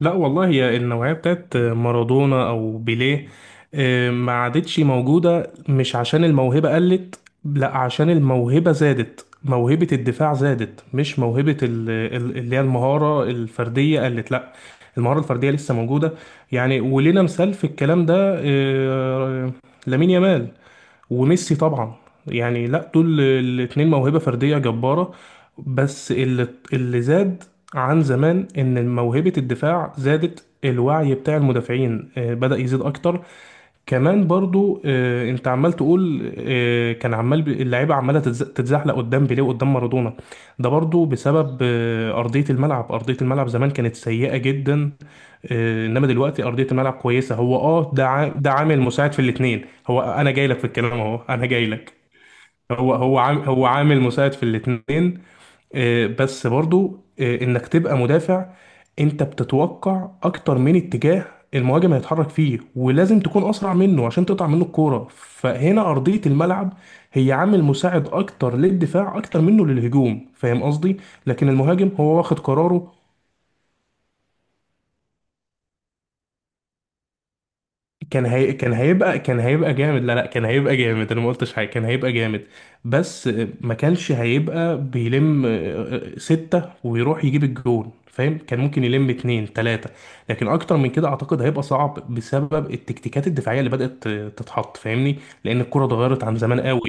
لا والله، هي النوعية بتاعت مارادونا أو بيليه. ما عادتش موجودة مش عشان الموهبة قلت. لا، عشان الموهبة زادت، موهبة الدفاع زادت، مش موهبة اللي هي المهارة الفردية قلت. لا، المهارة الفردية لسه موجودة. يعني ولنا مثال في الكلام ده، آه، لامين يامال وميسي طبعا. يعني لا، دول الاتنين موهبة فردية جبارة. بس اللي اللي زاد عن زمان ان موهبة الدفاع زادت، الوعي بتاع المدافعين بدأ يزيد اكتر. كمان برضو، انت عمال تقول كان عمال اللعيبه عماله تتزحلق قدام بيليه وقدام مارادونا. ده برضو بسبب ارضيه الملعب. ارضيه الملعب زمان كانت سيئه جدا، انما دلوقتي ارضيه الملعب كويسه. هو اه، ده عامل مساعد في الاثنين. هو انا جاي لك في الكلام اهو، انا جاي لك. هو عامل مساعد في الاثنين، بس برضو انك تبقى مدافع انت بتتوقع اكتر من اتجاه المهاجم هيتحرك فيه، ولازم تكون اسرع منه عشان تقطع منه الكوره. فهنا ارضيه الملعب هي عامل مساعد اكتر للدفاع اكتر منه للهجوم، فاهم قصدي؟ لكن المهاجم هو واخد قراره. كان هيبقى جامد. لا لا، كان هيبقى جامد، انا ما قلتش حاجه، كان هيبقى جامد. بس ما كانش هيبقى بيلم ستة ويروح يجيب الجون، فاهم؟ كان ممكن يلم اتنين تلاتة، لكن اكتر من كده اعتقد هيبقى صعب بسبب التكتيكات الدفاعيه اللي بدأت تتحط، فاهمني؟ لان الكرة اتغيرت عن زمان قوي.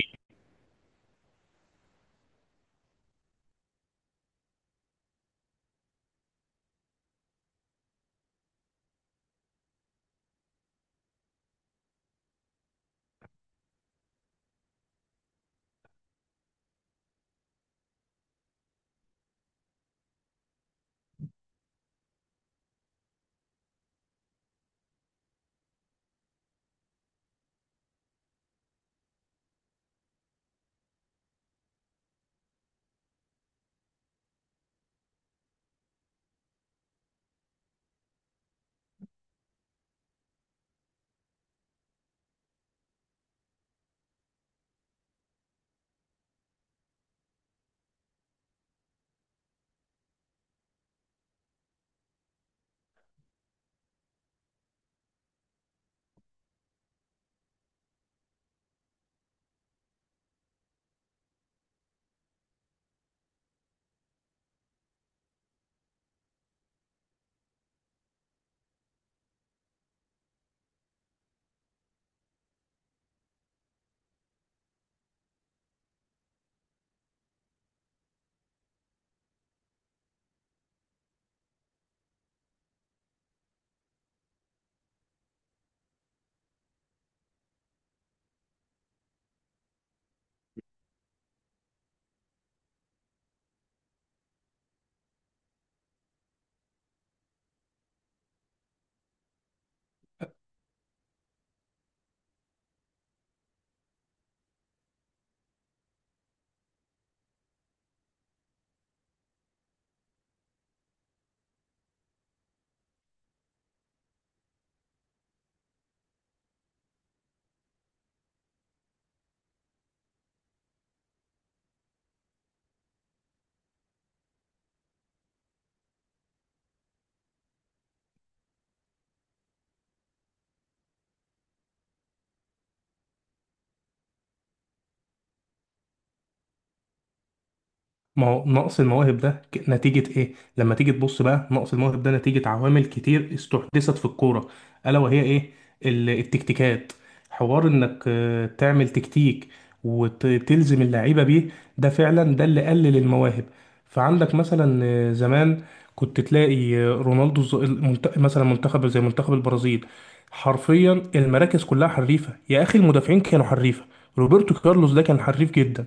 ما هو نقص المواهب ده نتيجة إيه؟ لما تيجي تبص بقى، نقص المواهب ده نتيجة عوامل كتير استحدثت في الكورة. ألا وهي إيه؟ التكتيكات. حوار إنك تعمل تكتيك وتلزم اللعيبة بيه، ده فعلا ده اللي قلل المواهب. فعندك مثلا زمان كنت تلاقي رونالدو مثلا منتخب زي منتخب البرازيل حرفيا المراكز كلها حريفة، يا أخي المدافعين كانوا حريفة. روبرتو كارلوس ده كان حريف جدا،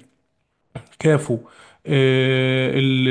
كافو، آه، ال...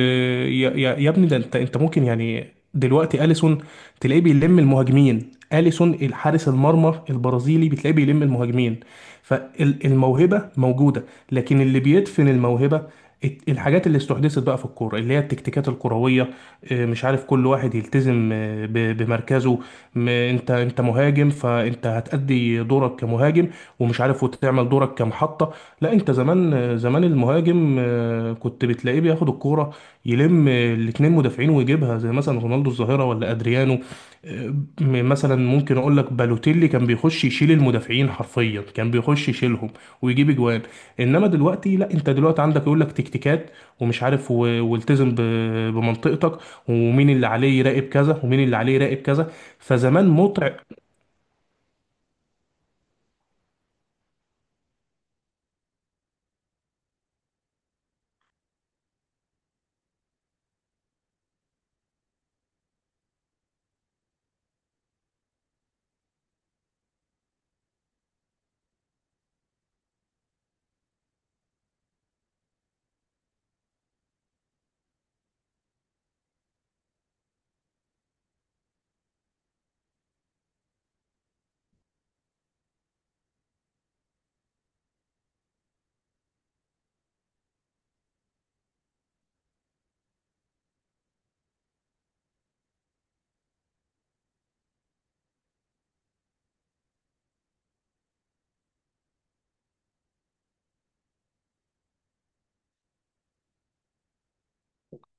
يا يا ابني ده، انت ممكن يعني. دلوقتي اليسون تلاقيه بيلم المهاجمين، اليسون الحارس المرمى البرازيلي بتلاقيه بيلم المهاجمين. فالموهبة موجودة، لكن اللي بيدفن الموهبة الحاجات اللي استحدثت بقى في الكورة، اللي هي التكتيكات الكروية. مش عارف، كل واحد يلتزم بمركزه. انت مهاجم، فانت هتأدي دورك كمهاجم، ومش عارف وتعمل دورك كمحطة. لا، انت زمان، زمان المهاجم كنت بتلاقيه بياخد الكورة يلم الاتنين مدافعين ويجيبها، زي مثلا رونالدو الظاهرة ولا ادريانو. آه، مثلا ممكن اقول لك بالوتيلي كان بيخش يشيل المدافعين حرفيا، كان بيخش يشيلهم ويجيب اجوان. انما دلوقتي لا، انت دلوقتي عندك يقول لك تكتيكات، ومش عارف والتزم بمنطقتك، ومين اللي عليه يراقب كذا ومين اللي عليه يراقب كذا. فزمان متع.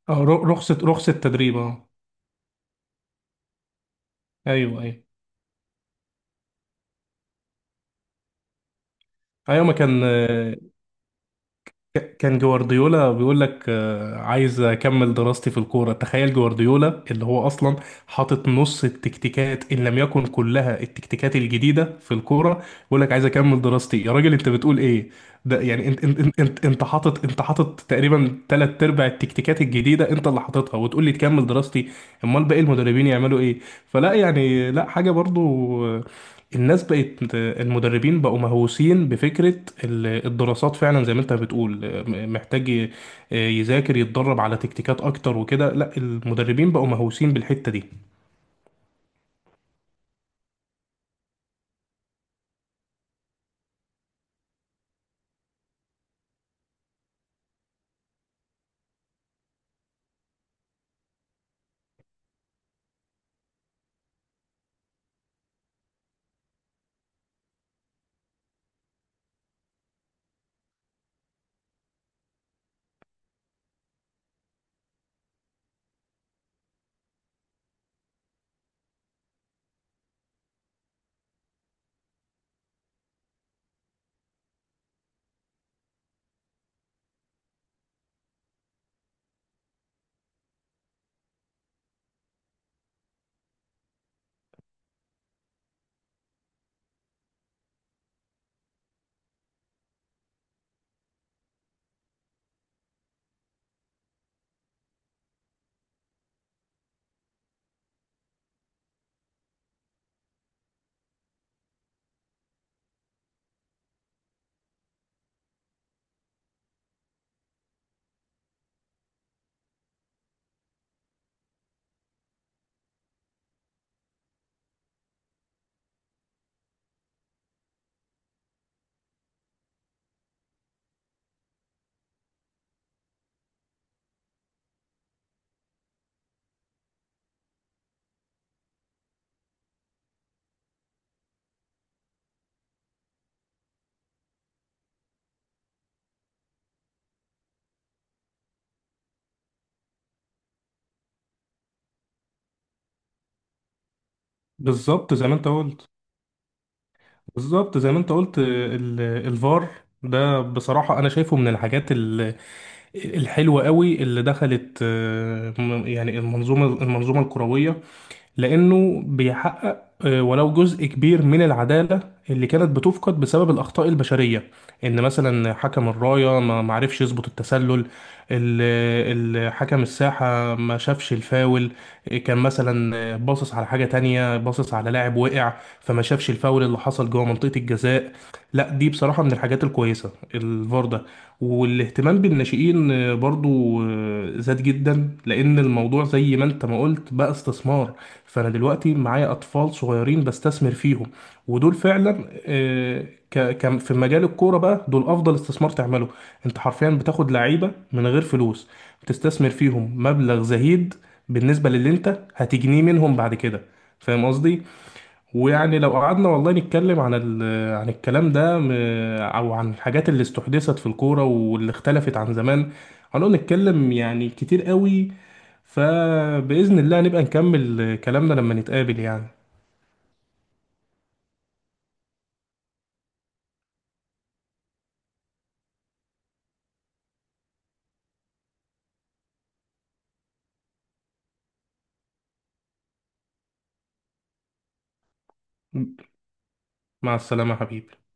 رخصة رخصة تدريب، اه. ايوه ايوه، ايوه ما كان كان جوارديولا بيقول لك عايز اكمل دراستي في الكوره. تخيل جوارديولا اللي هو اصلا حاطط نص التكتيكات ان لم يكن كلها، التكتيكات الجديده في الكوره، بيقول لك عايز اكمل دراستي. يا راجل انت بتقول ايه؟ ده يعني انت حاطط، انت حاطط تقريبا ثلاث ارباع التكتيكات الجديده انت اللي حاططها، وتقول لي تكمل دراستي؟ امال باقي المدربين يعملوا ايه؟ فلا يعني لا حاجه برضو، آه، الناس بقت، المدربين بقوا مهووسين بفكرة الدراسات، فعلا زي ما انت بتقول. محتاج يذاكر، يتدرب على تكتيكات اكتر وكده. لا، المدربين بقوا مهووسين بالحتة دي. بالظبط زي ما انت قلت، بالظبط زي ما انت قلت الفار، ده بصراحة أنا شايفه من الحاجات الحلوة قوي اللي دخلت يعني المنظومة، المنظومة الكروية، لأنه بيحقق ولو جزء كبير من العدالة اللي كانت بتفقد بسبب الأخطاء البشرية. إن مثلا حكم الراية ما عرفش يظبط التسلل، ال- حكم الساحة ما شافش الفاول، كان مثلا باصص على حاجة تانية، باصص على لاعب وقع، فما شافش الفاول اللي حصل جوه منطقة الجزاء. لا دي بصراحة من الحاجات الكويسة الفار ده. والاهتمام بالناشئين برضو زاد جدا، لأن الموضوع زي ما انت ما قلت بقى استثمار. فأنا دلوقتي معايا أطفال صغيرين بستثمر فيهم، ودول فعلا في مجال الكورة بقى دول أفضل استثمار تعمله. انت حرفيا بتاخد لعيبة من غير فلوس، بتستثمر فيهم مبلغ زهيد بالنسبة للي انت هتجنيه منهم بعد كده، فاهم قصدي؟ ويعني لو قعدنا والله نتكلم عن عن الكلام ده، او عن الحاجات اللي استحدثت في الكورة واللي اختلفت عن زمان، هنقعد نتكلم يعني كتير قوي. فبإذن الله نبقى نكمل كلامنا لما نتقابل يعني. مع السلامة يا حبيبي.